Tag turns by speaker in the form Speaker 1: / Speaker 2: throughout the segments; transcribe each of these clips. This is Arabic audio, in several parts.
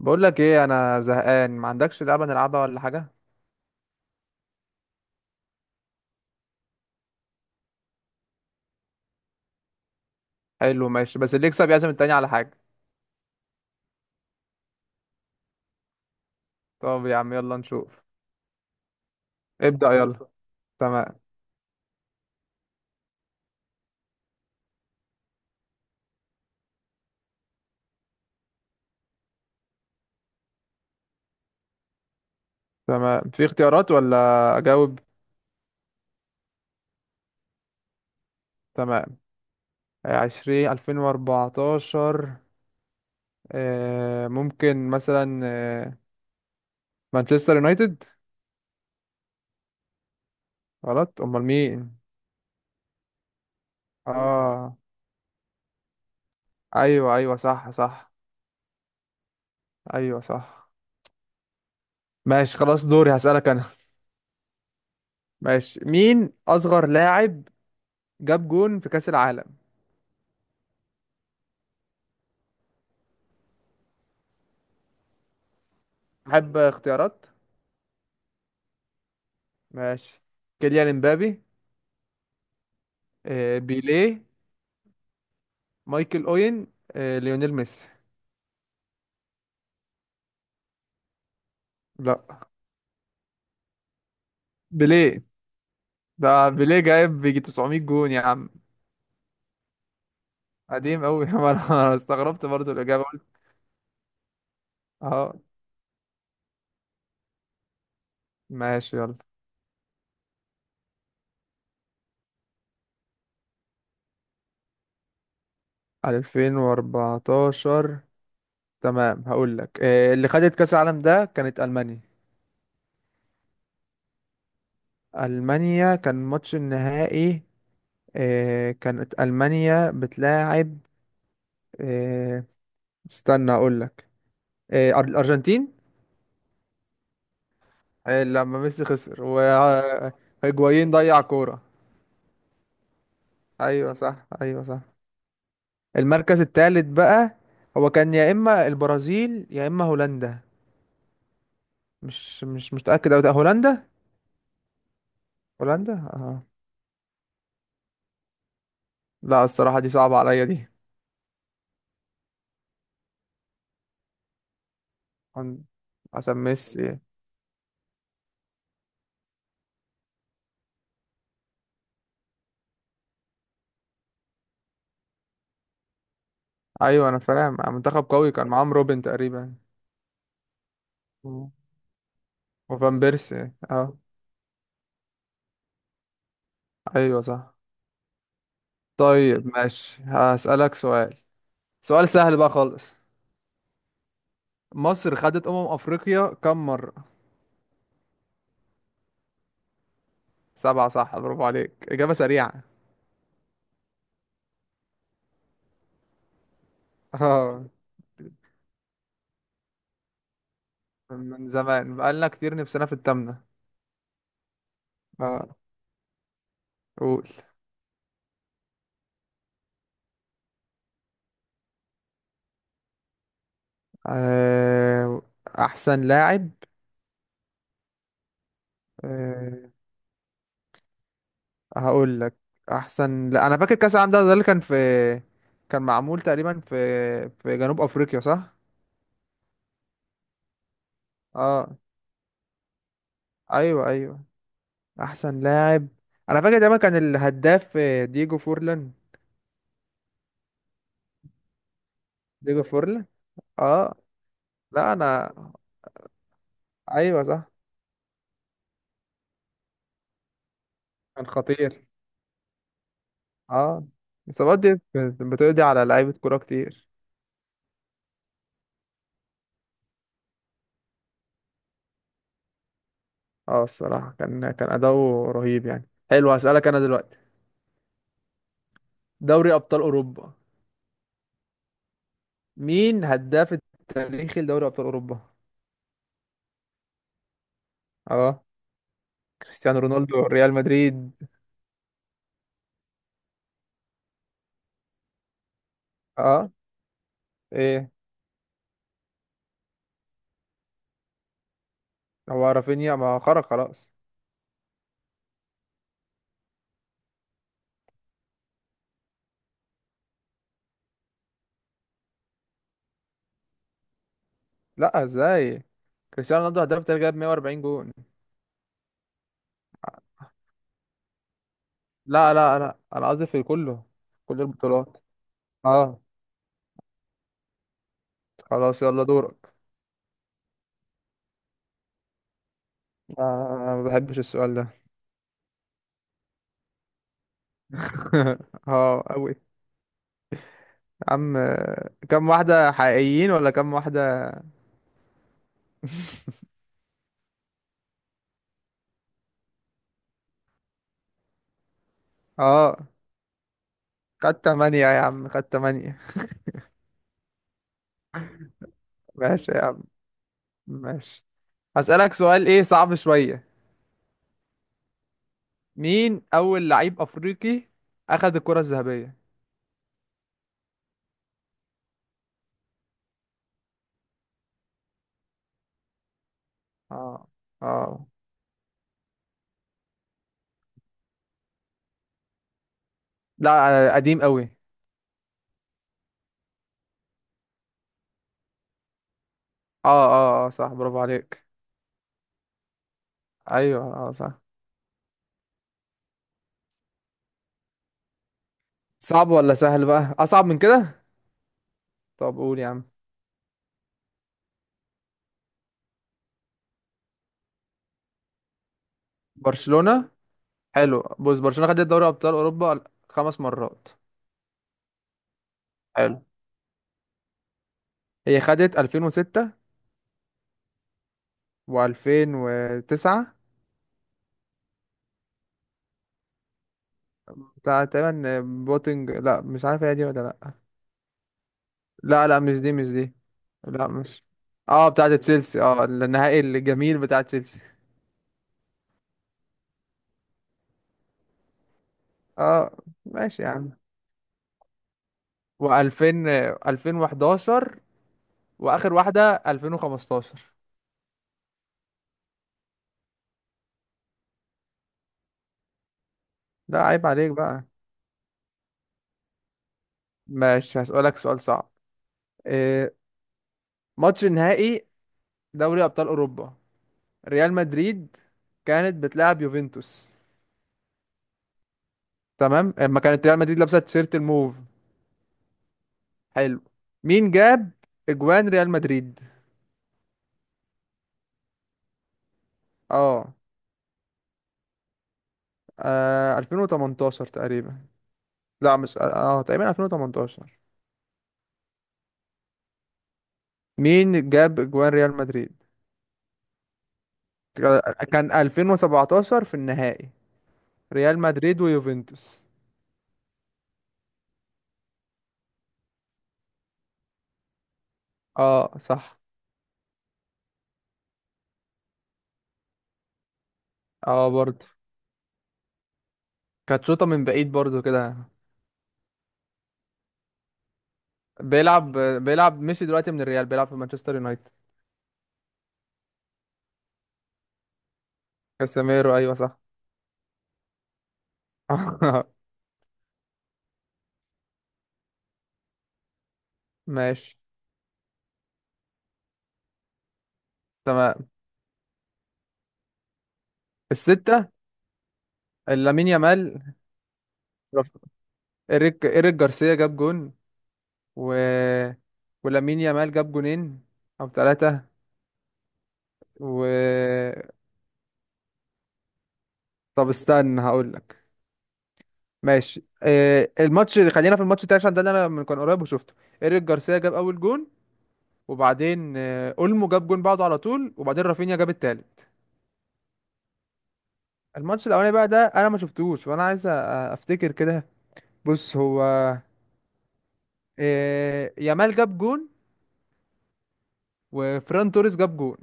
Speaker 1: بقول لك ايه، انا زهقان، ما عندكش لعبه نلعبها ولا حاجه؟ حلو ماشي، بس اللي يكسب يعزم التاني على حاجه. طب يا عم يلا نشوف. ابدأ يلا. تمام. تمام، في اختيارات ولا اجاوب؟ تمام. عشرين الفين واربعتاشر. ممكن مثلا مانشستر يونايتد. غلط، امال مين؟ اه، ايوه ايوه صح صح. ايوه صح. ماشي خلاص، دوري هسألك انا. ماشي، مين اصغر لاعب جاب جون في كأس العالم؟ حب اختيارات. ماشي، كيليان امبابي. بيليه. مايكل اوين. ليونيل ميسي. لا، بيليه. ده بيليه جايب بيجي 900 جون يا عم. قديم قوي. انا استغربت برضو الاجابه، قلت اه. ماشي يلا. 2014. تمام، هقول لك اللي خدت كاس العالم ده كانت المانيا. المانيا كان ماتش النهائي. كانت المانيا بتلاعب. آه، استنى اقول لك. الارجنتين. أي لما ميسي خسر وهيجوايين ضيع كورة. ايوه صح، ايوه صح. المركز الثالث بقى، هو كان يا اما البرازيل يا اما هولندا. مش متأكد أوي. هولندا. هولندا اه. لا، الصراحة دي صعبة عليا دي. عن- عشان ميسي. ايوه، انا فاهم منتخب قوي، كان معاهم روبن تقريبا. مم. وفان بيرسي اه. ايوه صح. طيب ماشي، هسألك سؤال. سؤال سهل بقى خالص. مصر خدت أمم أفريقيا كم مرة؟ سبعة صح، برافو عليك، إجابة سريعة. اه. من زمان بقالنا كتير، نفسنا في التامنة. اه، قول. آه، أحسن لاعب. أه، هقول لك. أحسن، لا أنا فاكر كأس العالم ده، اللي كان في، كان معمول تقريبا في جنوب أفريقيا صح؟ اه. أيوه أيوه. أحسن لاعب، أنا فاكر دايما كان الهداف ديجو فورلان. ديجو فورلان اه. لا أنا. أيوه صح. كان خطير. اه، الإصابات دي بتقضي على لعيبة كورة كتير. اه، الصراحة كان أداؤه رهيب يعني. حلو هسألك أنا دلوقتي، دوري أبطال أوروبا. مين هداف التاريخي لدوري أبطال أوروبا؟ اه. كريستيانو رونالدو ريال مدريد. اه، ايه؟ هو رافينيا ما خرج خلاص؟ لا، ازاي؟ كريستيانو رونالدو هداف التاريخي، جاب 140 جون. لا لا لا، انا قصدي في كله. كل البطولات. اه. خلاص يلا دورك. آه، ما بحبش السؤال ده. اه قوي. عم، كم واحدة حقيقيين ولا كم واحدة؟ اه، خدت تمانية يا عم، خدت تمانية. ماشي يا عم. ماشي، هسألك سؤال ايه صعب شوية. مين أول لعيب أفريقي أخد الكرة الذهبية؟ اه، اه. لا، قديم قوي. اه اه اه صح، برافو عليك. ايوه اه صح. صعب ولا سهل بقى؟ اصعب من كده. طب قول يا عم. برشلونة. حلو، بص، برشلونة خدت دوري ابطال اوروبا 5 مرات. حلو. هي خدت 2006. و2009. بتاع تقريبا بوتنج، لا مش عارف هي دي ولا لا. لا لا، مش دي مش دي. لا مش، اه بتاعة تشيلسي، اه النهائي الجميل بتاع تشيلسي. اه. ماشي يا عم. و2000 2011. واخر واحدة 2015. لا، عيب عليك بقى. ماشي، هسألك سؤال صعب. إيه ماتش النهائي دوري أبطال أوروبا، ريال مدريد كانت بتلعب يوفنتوس؟ تمام، اما كانت ريال مدريد لابسة تيشيرت الموف. حلو. مين جاب اجوان ريال مدريد؟ اه. 2018 تقريبا. لا مش اه، تقريبا 2018. مين جاب اجوان ريال مدريد؟ كان 2017 في النهائي. ريال مدريد ويوفنتوس. اه صح. اه برضه، كانت شوطة من بعيد برضه كده. بيلعب. مشي دلوقتي من الريال، بيلعب في مانشستر يونايتد. كاسيميرو ايوه صح. ماشي. تمام. الستة. لامين يامال. رف- إيريك جارسيا جاب جون. و... ولامين يامال جاب جونين او ثلاثة. و، طب استنى هقول لك. ماشي، الماتش اللي خلينا في الماتش بتاعي عشان ده اللي انا من كان قريب وشفته. ايريك جارسيا جاب اول جون. وبعدين اولمو جاب جون بعده على طول. وبعدين رافينيا جاب التالت. الماتش الاولاني بقى ده انا ما شفتوش، فانا عايز افتكر كده. بص هو، يامال جاب جون. وفران توريس جاب جون.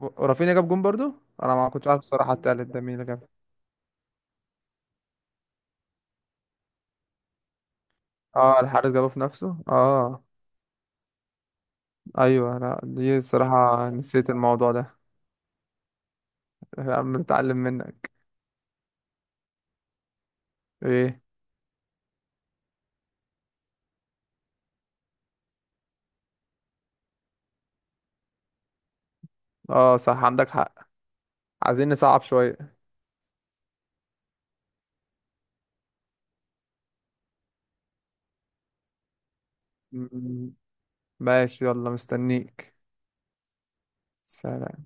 Speaker 1: و- ورافينيا جاب جون برضو. انا ما كنتش عارف الصراحة، التالت ده مين اللي جاب. اه الحارس جابه في نفسه اه. ايوه، لا دي صراحة نسيت الموضوع ده. لا، بنتعلم منك. ايه؟ اه صح، عندك حق. عايزين نصعب شوية. م- ماشي يلا، مستنيك. سلام.